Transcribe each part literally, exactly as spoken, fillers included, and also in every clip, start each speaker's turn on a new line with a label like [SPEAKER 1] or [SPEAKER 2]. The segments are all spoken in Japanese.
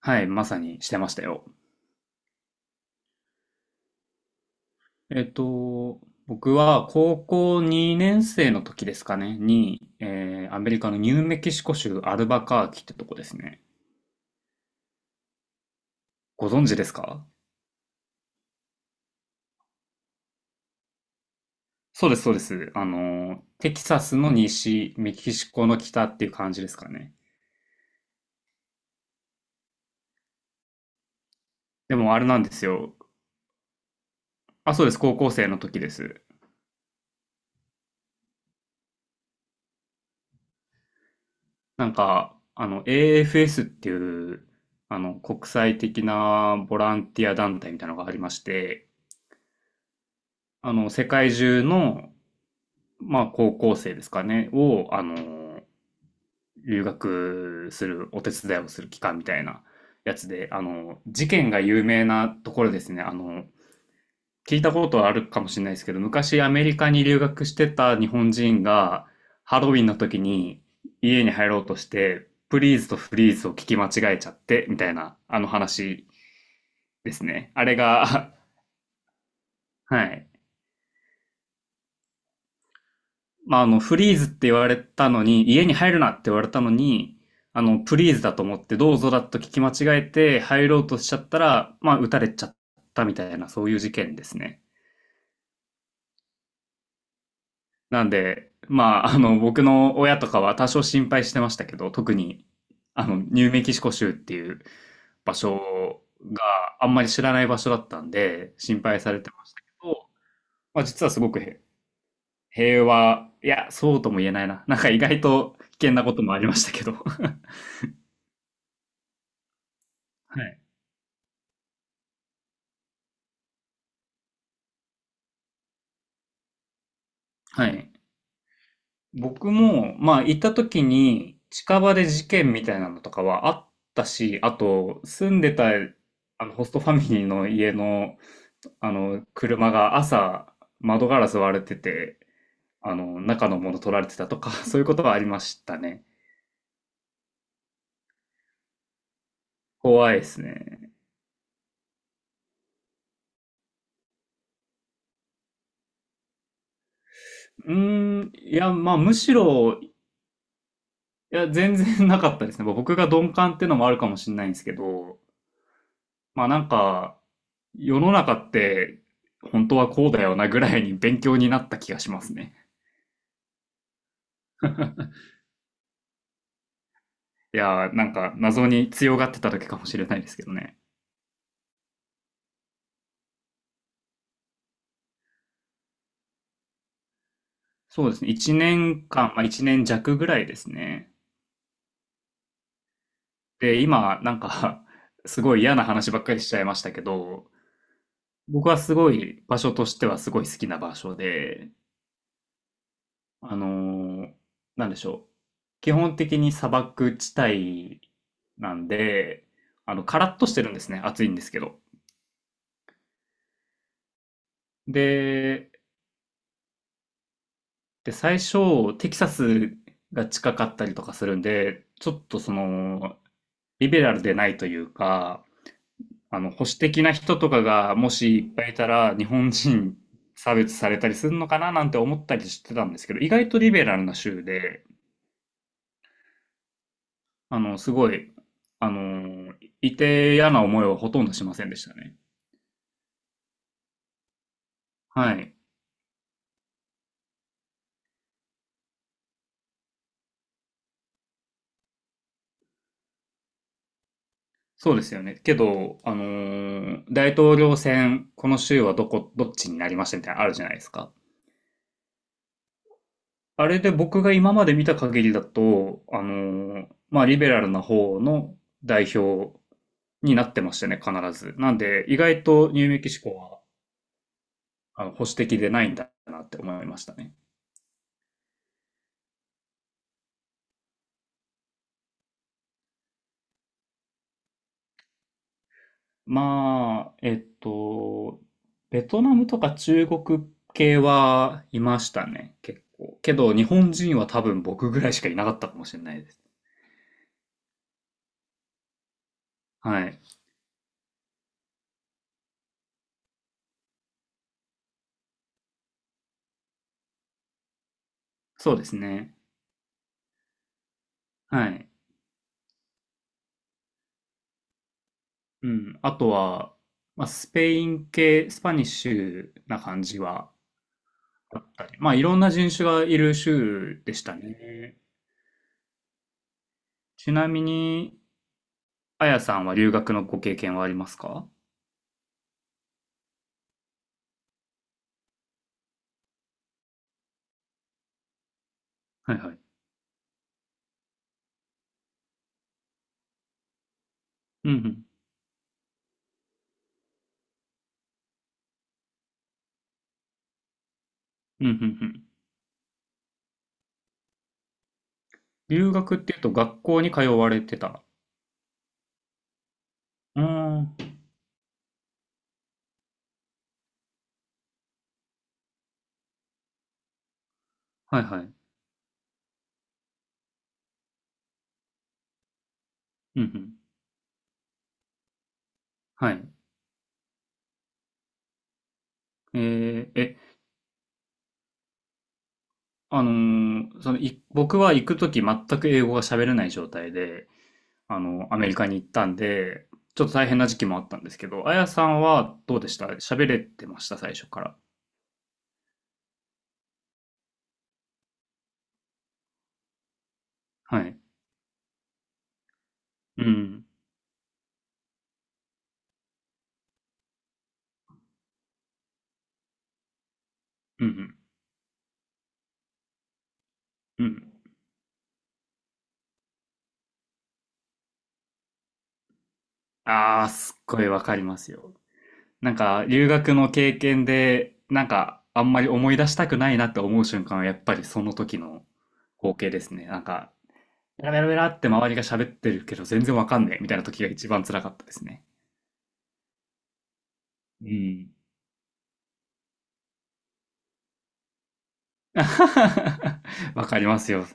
[SPEAKER 1] はい、まさにしてましたよ。えっと、僕は高校にねん生の時ですかね、に、えーアメリカのニューメキシコ州アルバカーキってとこですね。ご存知ですか？そうです、そうです。あの、テキサスの西、メキシコの北っていう感じですかね。でもあれなんですよ。あ、そうです、高校生の時です。なんか、あの、エーエフエス っていう、あの、国際的なボランティア団体みたいなのがありまして、あの、世界中のまあ、高校生ですかね、を、あの、留学する、お手伝いをする期間みたいなやつで、あの、事件が有名なところですね。あの、聞いたことはあるかもしれないですけど、昔アメリカに留学してた日本人が、ハロウィンの時に家に入ろうとして、プリーズとフリーズを聞き間違えちゃって、みたいな、あの話ですね。あれが、はい。まあ、あの、フリーズって言われたのに、家に入るなって言われたのに、あの、プリーズだと思って、どうぞだと聞き間違えて入ろうとしちゃったら、まあ、撃たれちゃったみたいな、そういう事件ですね。なんで、まあ、あの、僕の親とかは多少心配してましたけど、特に、あの、ニューメキシコ州っていう場所を、ああんまり知らない場所だったんで、心配されてましたけど、まあ、実はすごくへ平和、いや、そうとも言えないな。なんか意外と危険なこともありましたけど。はいはい。僕も、まあ、行った時に、近場で事件みたいなのとかはあったし、あと、住んでた、あの、ホストファミリーの家の、あの、車が朝、窓ガラス割れてて、あの、中のもの取られてたとか、そういうことはありましたね。怖いですね。うーん、いや、まあ、むしろ、いや、全然なかったですね。僕が鈍感っていうのもあるかもしれないんですけど、まあ、なんか、世の中って本当はこうだよなぐらいに勉強になった気がしますね。いやー、なんか謎に強がってただけかもしれないですけどね。そうですね。いちねんかん、まあいちねん弱ぐらいですね。で、今、なんか すごい嫌な話ばっかりしちゃいましたけど、僕はすごい場所としてはすごい好きな場所で、あのーなんでしょう。基本的に砂漠地帯なんで、あの、カラッとしてるんですね。暑いんですけど。で、で、最初、テキサスが近かったりとかするんで、ちょっとその、リベラルでないというか、あの、保守的な人とかがもしいっぱいいたら、日本人差別されたりするのかななんて思ったりしてたんですけど、意外とリベラルな州で、あの、すごい、あの、いて嫌な思いはほとんどしませんでしたね。はい。そうですよね。けど、あのー大統領選、この州はどこ、どっちになりましたみたいなのあるじゃないですか。あれで僕が今まで見た限りだと、あのーまあ、リベラルな方の代表になってましたね、必ず。なんで、意外とニューメキシコは、あの、保守的でないんだなって思いましたね。まあ、えっと、ベトナムとか中国系はいましたね、結構。けど、日本人は多分僕ぐらいしかいなかったかもしれないです。はい。そうですね。はい。うん。あとは、まあ、スペイン系、スパニッシュな感じはあったり。まあ、いろんな人種がいる州でしたね。ちなみに、あやさんは留学のご経験はありますか？はいはい。うんうん。うんうんうん。留学っていうと学校に通われてた？うーん。はいはい。うんうん。はい。えー、え、あのーその、い、僕は行くとき全く英語が喋れない状態で、あの、アメリカに行ったんで、ちょっと大変な時期もあったんですけど、あやさんはどうでした？喋れてました、最初から？はい。うん。うん。うん。ああ、すっごいわかりますよ。なんか、留学の経験で、なんか、あんまり思い出したくないなって思う瞬間は、やっぱりその時の光景ですね。なんか、ベラベラベラって周りが喋ってるけど、全然わかんねえみたいな時が一番辛かったですね。うん。わかりますよ。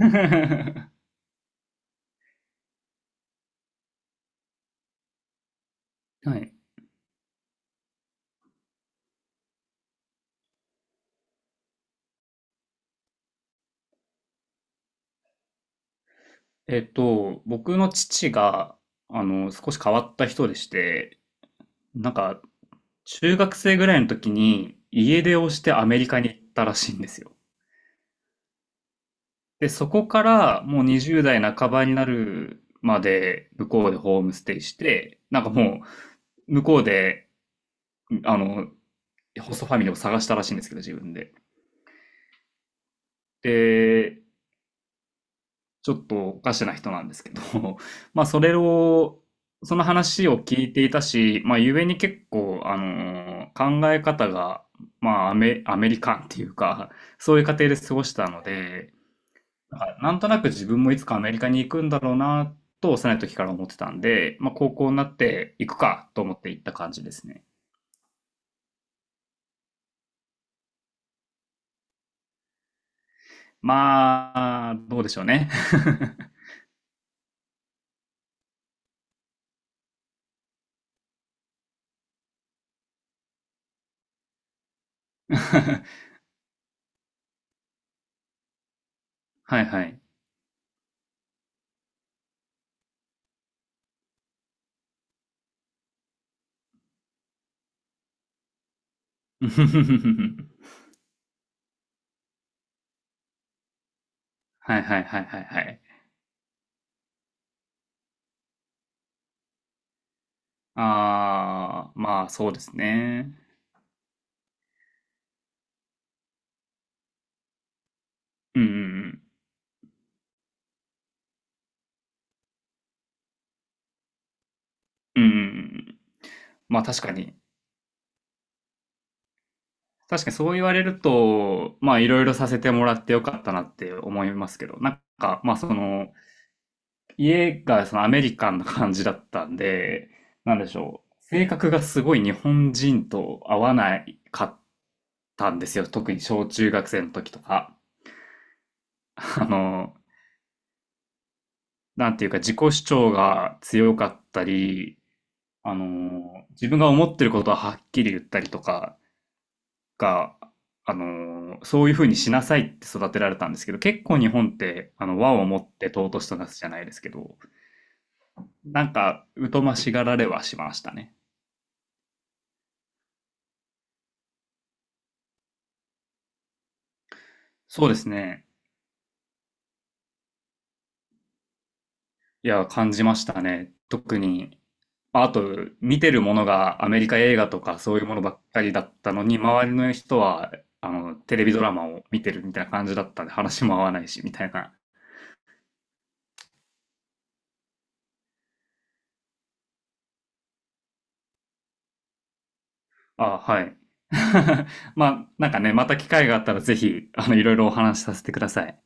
[SPEAKER 1] はい。えっと、僕の父が、あの、少し変わった人でして、なんか、中学生ぐらいの時に家出をしてアメリカに行ったらしいんですよ。で、そこからもうにじゅうだい代半ばになるまで向こうでホームステイして、なんかもう向こうで、あの、ホストファミリーを探したらしいんですけど、自分で。で、ちょっとおかしな人なんですけど、まあそれを、その話を聞いていたし、まあゆえに結構、あのー考え方が、まあアメ、アメリカンっていうか、そういう過程で過ごしたので、なんかなんとなく自分もいつかアメリカに行くんだろうな、と幼い時から思ってたんで、まあ高校になって行くかと思って行った感じですね。まあ、どうでしょうね。はいはい。はいはいはいはいはい。ああ、まあそうですね。うんうんうん。うんうんうん。まあ確かに。確かにそう言われると、まあいろいろさせてもらってよかったなって思いますけど、なんか、まあその、家がそのアメリカンな感じだったんで、なんでしょう。性格がすごい日本人と合わないかったんですよ。特に小中学生の時とか。あの、なんていうか自己主張が強かったり、あのー自分が思ってることははっきり言ったりとかが、あのーそういうふうにしなさいって育てられたんですけど、結構日本って、あの、和をもって尊しとなすじゃないですけど、なんか、疎ましがられはしましたね。そうですね。いや、感じましたね。特に、あと、見てるものがアメリカ映画とかそういうものばっかりだったのに、周りの人は、あの、テレビドラマを見てるみたいな感じだったんで、話も合わないし、みたいなあ、はい。まあ、なんかね、また機会があったらぜひ、あの、いろいろお話しさせてください。